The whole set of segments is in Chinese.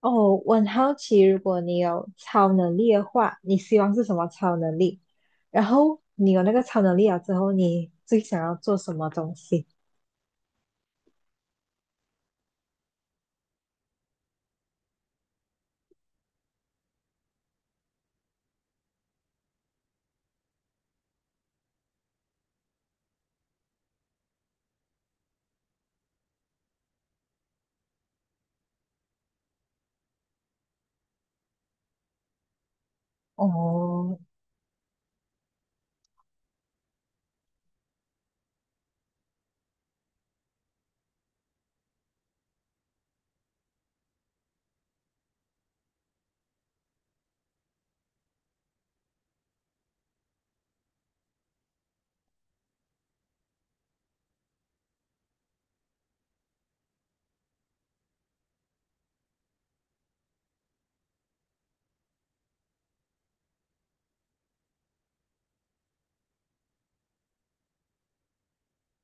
哦，我很好奇，如果你有超能力的话，你希望是什么超能力？然后你有那个超能力了之后，你最想要做什么东西？哦。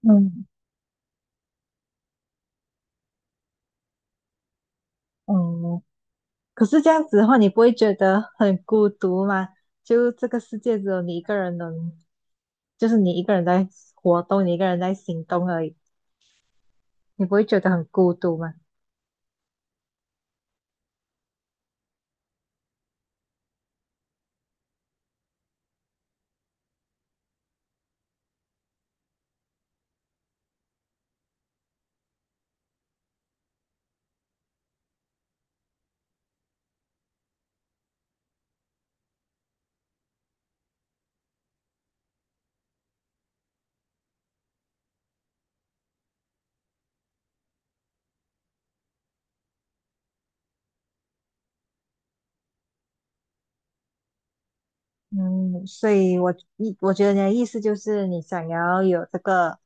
嗯。哦。可是这样子的话，你不会觉得很孤独吗？就这个世界只有你一个人能就是你一个人在活动，你一个人在行动而已，你不会觉得很孤独吗？嗯，所以我觉得你的意思就是你想要有这个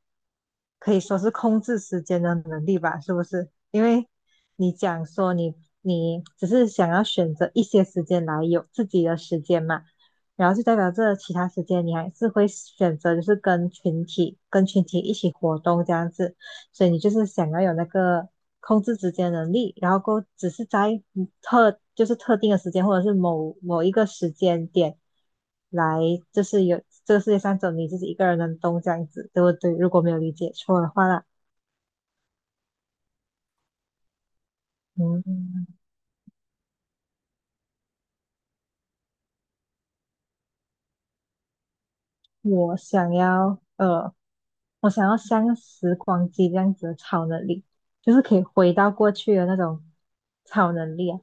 可以说是控制时间的能力吧，是不是？因为你讲说你只是想要选择一些时间来有自己的时间嘛，然后就代表这其他时间你还是会选择就是跟群体一起活动这样子。所以你就是想要有那个控制时间的能力，然后够只是在特就是特定的时间或者是某一个时间点来，就是有这个世界上只有你自己一个人能动这样子，对不对？如果没有理解错的话啦，嗯，我想要呃，我想要像时光机这样子的超能力，就是可以回到过去的那种超能力啊。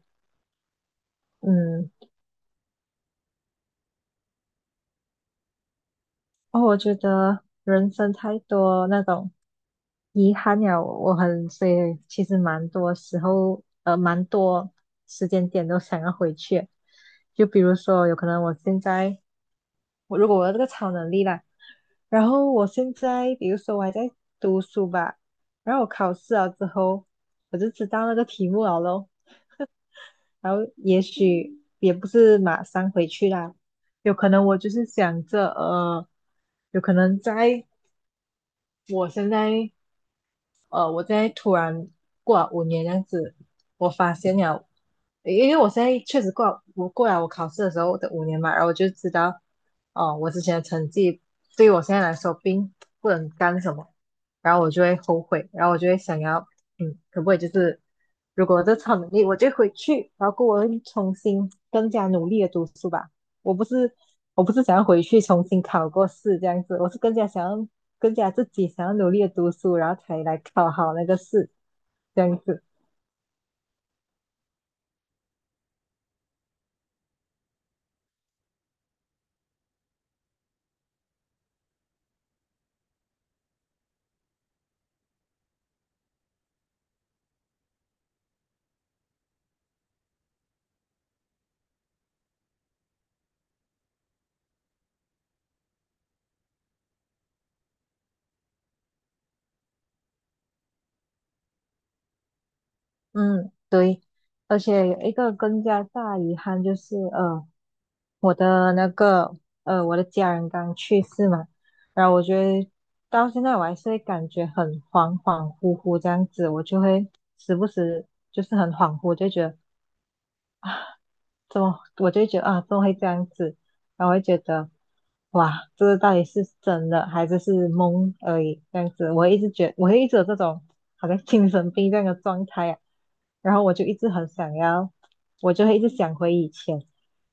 嗯。哦，我觉得人生太多那种遗憾了，所以其实蛮多时候，蛮多时间点都想要回去。就比如说，有可能我现在，如果我有这个超能力啦，然后我现在，比如说我还在读书吧，然后我考试了之后，我就知道那个题目了咯，然后也许也不是马上回去啦。有可能我就是想着，有可能在我现在呃，我现在突然过了五年这样子，我发现了，因为我现在确实过了我考试的时候的五年嘛，然后我就知道，哦、我之前的成绩对于我现在来说并不能干什么，然后我就会后悔，然后我就会想要，嗯，可不可以就是如果我这超能力，我就回去，然后我会重新更加努力的读书吧。我不是我不是想要回去重新考过试这样子，我是更加想要更加自己想要努力的读书，然后才来考好那个试，这样子。嗯，对。而且有一个更加大遗憾就是，我的那个，我的家人刚去世嘛，然后我觉得到现在我还是会感觉很恍恍惚惚这样子，我就会时不时就是很恍惚，就觉得怎么我就会觉得啊，怎么会这样子？然后我会觉得，哇，这个到底是真的还是梦而已？这样子，我会一直有这种好像精神病这样的状态啊。然后我就一直很想要，我就会一直想回以前。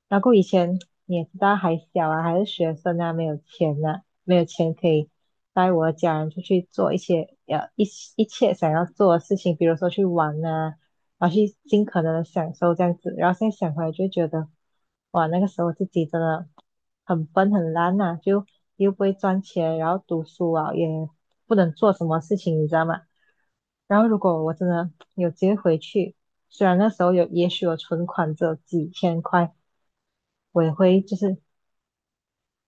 然后以前你也知道还小啊，还是学生啊，没有钱啊，没有钱可以带我的家人出去做一些呃一一切想要做的事情，比如说去玩啊，然后去尽可能的享受这样子。然后现在想回来就会觉得，哇，那个时候自己真的很笨很烂呐、就又不会赚钱，然后读书啊也不能做什么事情，你知道吗？然后如果我真的有机会回去，虽然那时候有，也许我存款只有几千块，我也会就是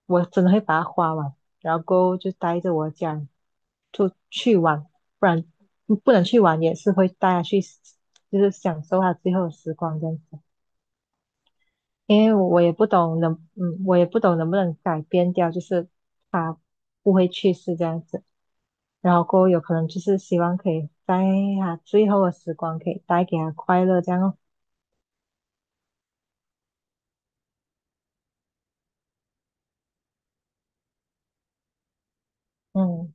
我真的会把它花完，然后过后就带着我家人出去玩，不然不能去玩也是会带他去，就是享受他最后的时光这样子。因为我也不懂能不能改变掉，就是不会去世这样子。然后过后有可能就是希望可以在他最后的时光可以带给他快乐这样哦。嗯。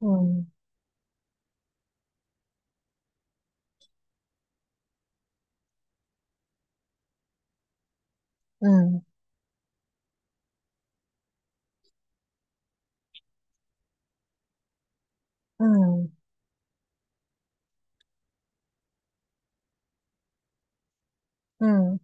嗯。嗯。嗯。嗯，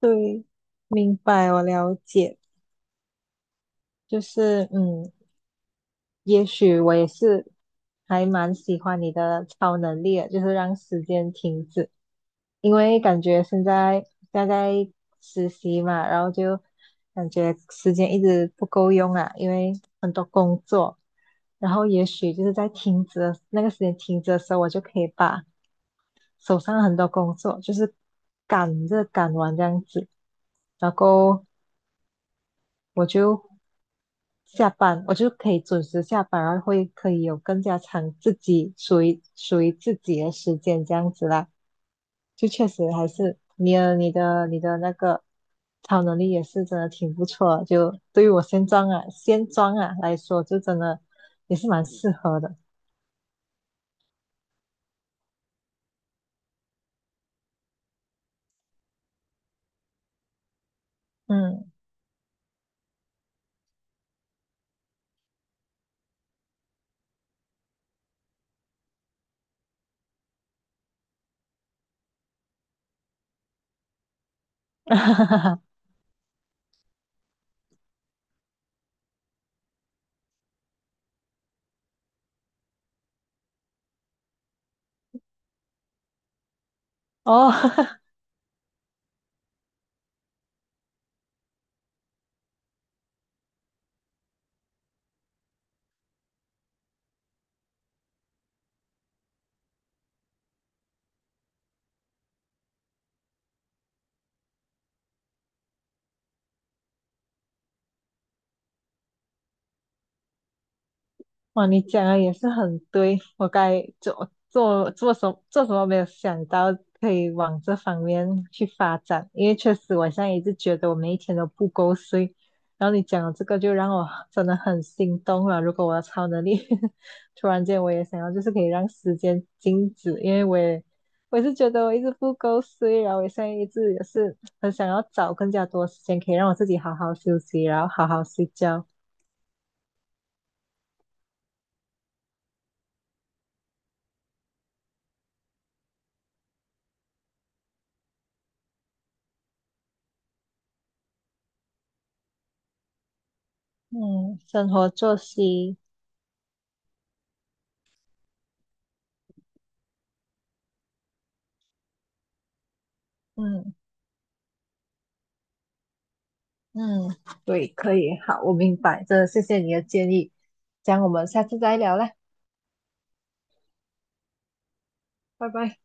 对，明白，我了解。就是嗯，也许我也是还蛮喜欢你的超能力的，就是让时间停止。因为感觉现在实习嘛，然后就感觉时间一直不够用啊，因为很多工作，然后也许就是在停止的那个时间停止的时候，我就可以把手上很多工作就是赶着赶完这样子，然后我就下班，我就可以准时下班，然后会可以有更加长自己属于自己的时间这样子啦，就确实还是你的那个。超能力也是真的挺不错，就对于我现状啊来说，就真的也是蛮适合的。嗯，哦，哇，你讲的也是很对，我该做什么没有想到可以往这方面去发展，因为确实我现在一直觉得我每一天都不够睡，然后你讲的这个就让我真的很心动了。如果我的超能力 突然间我也想要，就是可以让时间静止，因为我也是觉得我一直不够睡，然后我现在一直也是很想要找更加多时间可以让我自己好好休息，然后好好睡觉。嗯，生活作息。嗯嗯，对，可以，好，我明白，真的谢谢你的建议，这样我们下次再聊啦，拜拜。